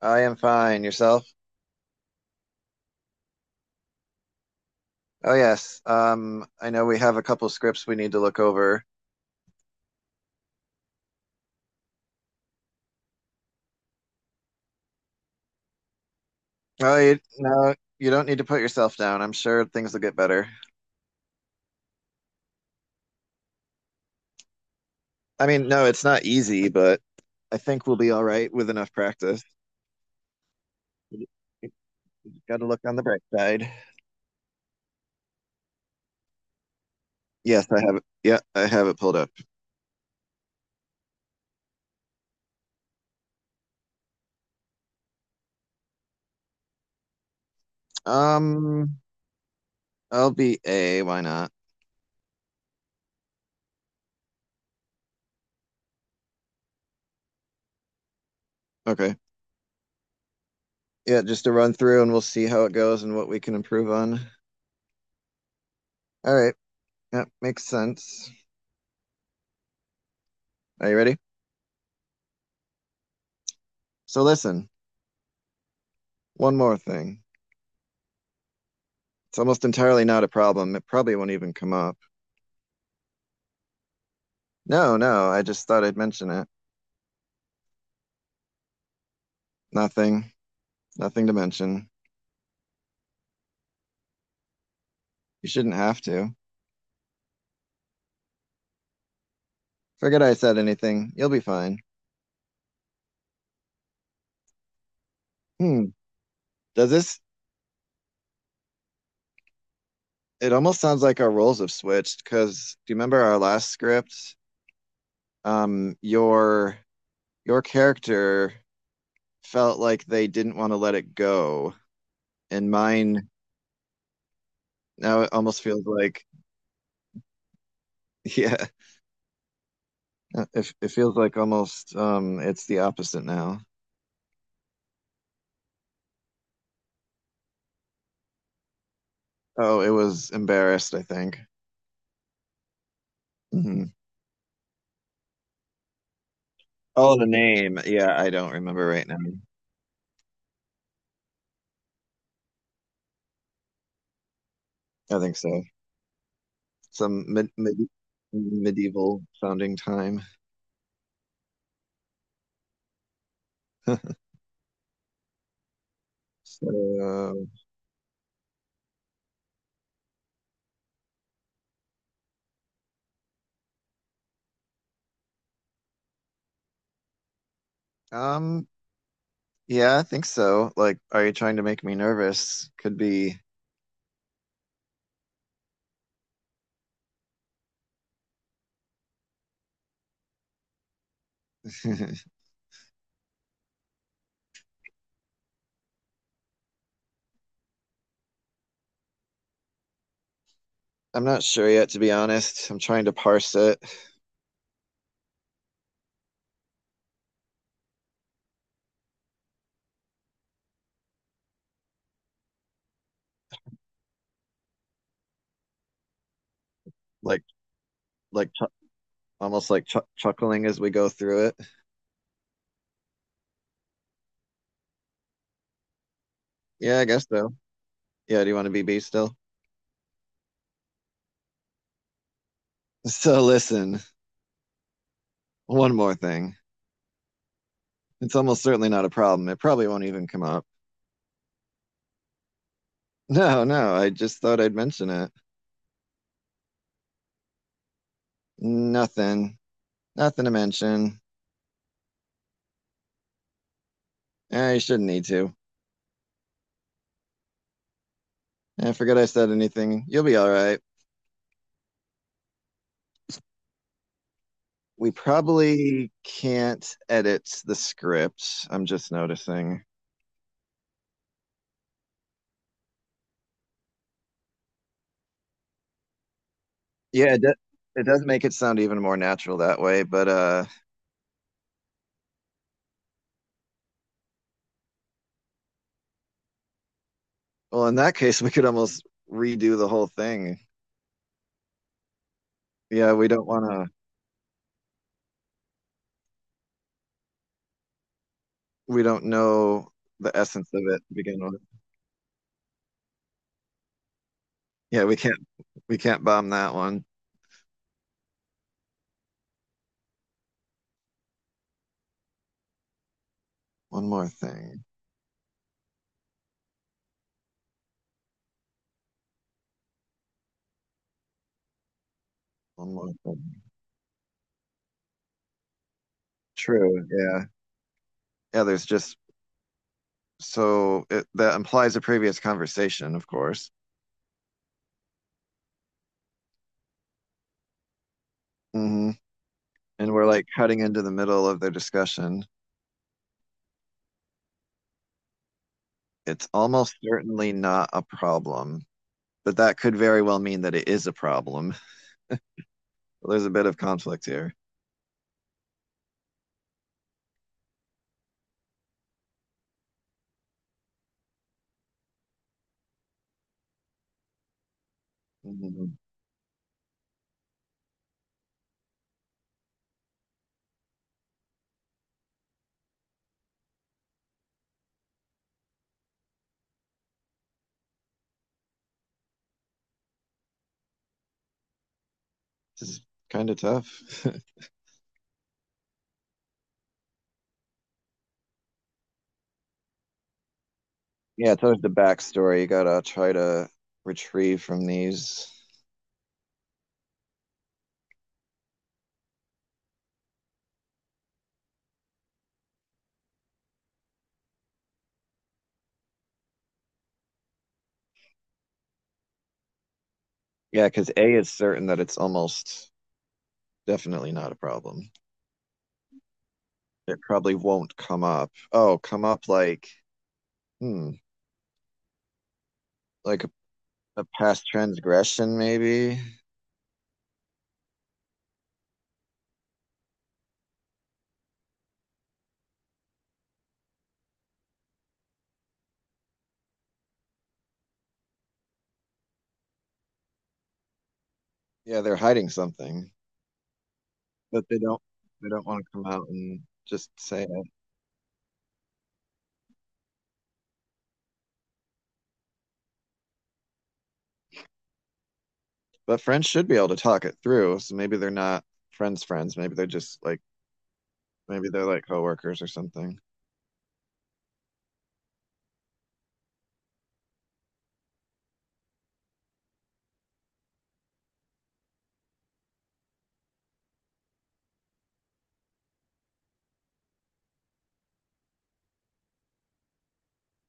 I am fine. Yourself? Oh yes. I know we have a couple scripts we need to look over. Oh, you, no, you don't need to put yourself down. I'm sure things will get better. I mean, no, it's not easy, but I think we'll be all right with enough practice. Got to look on the bright side. Yes, I have it. Yeah, I have it pulled up. Um, I'll be A. Why not? Okay. Yeah, just a run through and we'll see how it goes and what we can improve on. All right. That makes sense. Are you ready? So listen, one more thing. It's almost entirely not a problem. It probably won't even come up. No, no, I just thought I'd mention it. Nothing. Nothing to mention. You shouldn't have to. Forget I said anything. You'll be fine. Hmm. Does this? It almost sounds like our roles have switched because do you remember our last script? Your character felt like they didn't want to let it go, and mine now it almost feels like yeah, it feels like almost it's the opposite now. Oh, it was embarrassed, I think. Hmm. Oh, the name. Yeah, I don't remember right now. I think so. Some mid medieval founding time. So, um, yeah, I think so. Like, are you trying to make me nervous? Could be. I'm not sure yet, to be honest. I'm trying to parse it, like, like chu almost like chu chuckling as we go through it. Yeah, I guess so. Yeah, do you want to be B still? So, listen, one more thing. It's almost certainly not a problem. It probably won't even come up. No, no, I just thought I'd mention it. Nothing. Nothing to mention. You shouldn't need to. I forgot I said anything. You'll be all right. We probably can't edit the script. I'm just noticing. Yeah, it does make it sound even more natural that way. But well, in that case, we could almost redo the whole thing. Yeah, we don't want to, we don't know the essence of it to begin with. Yeah, we can't, we can't bomb that one. One more thing. One more thing. True. Yeah. Yeah. There's just so it, that implies a previous conversation, of course. Hmm. And we're like cutting into the middle of their discussion. It's almost certainly not a problem, but that could very well mean that it is a problem. There's a bit of conflict here. Hmm. This is kind of tough. Yeah. It's always the backstory. You gotta try to retrieve from these. Yeah, because A is certain that it's almost definitely not a problem. It probably won't come up. Oh, come up like, hmm, like a past transgression, maybe. Yeah, they're hiding something, but they don't want to come out and just say it. But friends should be able to talk it through, so maybe they're not friends friends. Maybe they're just like maybe they're like coworkers or something.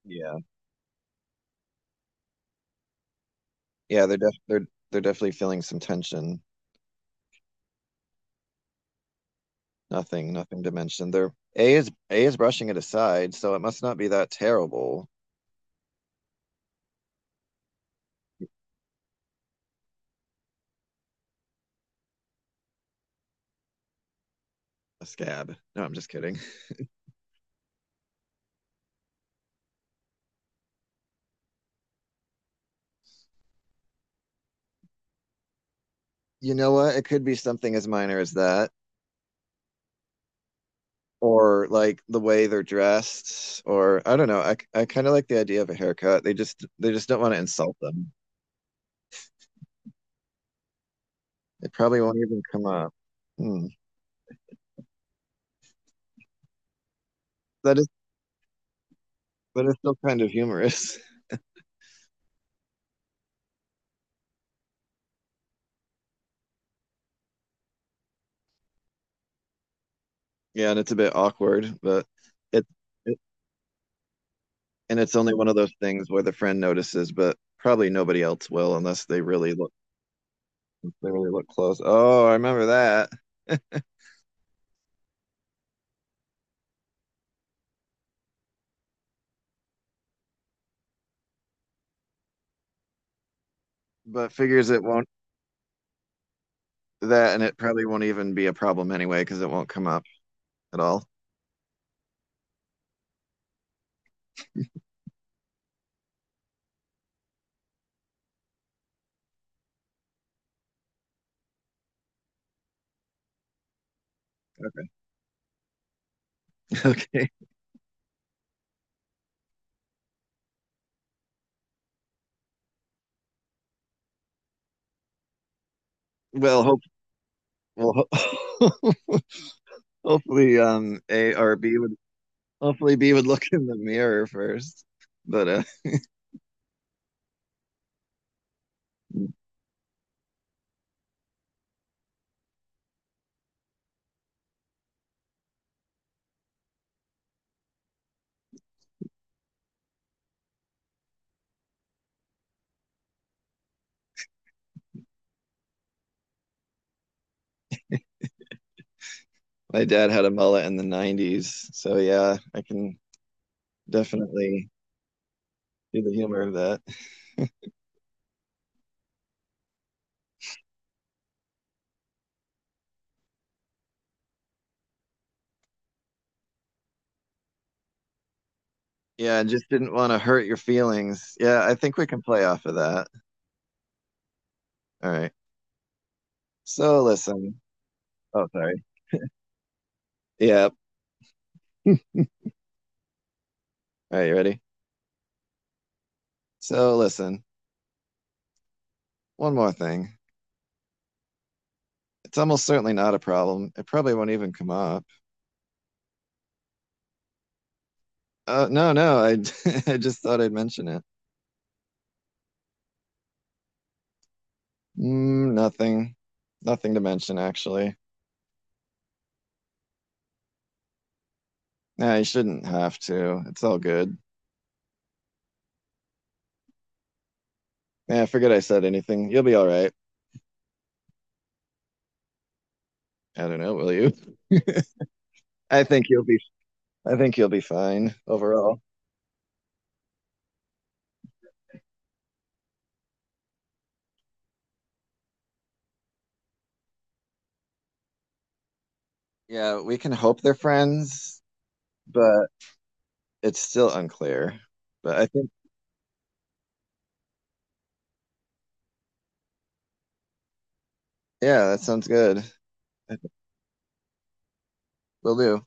Yeah. Yeah, they're definitely feeling some tension. Nothing, nothing to mention. They're A is brushing it aside, so it must not be that terrible. A scab. No, I'm just kidding. You know what? It could be something as minor as that, or like the way they're dressed, or I don't know. I kind of like the idea of a haircut. They just don't want to insult them. It probably won't even come up. Hmm. That is, but it's still kind of humorous. Yeah, and it's a bit awkward, but it, it and it's only one of those things where the friend notices, but probably nobody else will unless they really look close. Oh, I remember that. But figures it won't that, and it probably won't even be a problem anyway because it won't come up at all. Okay. Well, hope well, ho- hopefully um A or B would hopefully B would look in the mirror first. But my dad had a mullet in the 90s, so yeah, I can definitely see the humor of that. Yeah, I just didn't want to hurt your feelings. Yeah, I think we can play off of that. All right. So listen. Oh, sorry. Yeah. All right, you ready? So listen, one more thing. It's almost certainly not a problem. It probably won't even come up. No, no, I I just thought I'd mention it. Nothing. Nothing to mention, actually. Nah, you shouldn't have to. It's all good. Yeah, forget I said anything. You'll be all right. I don't know, will you? I think you'll be I think you'll be fine overall. Yeah, we can hope they're friends, but it's still unclear. But I think yeah, that sounds good. I think we'll do.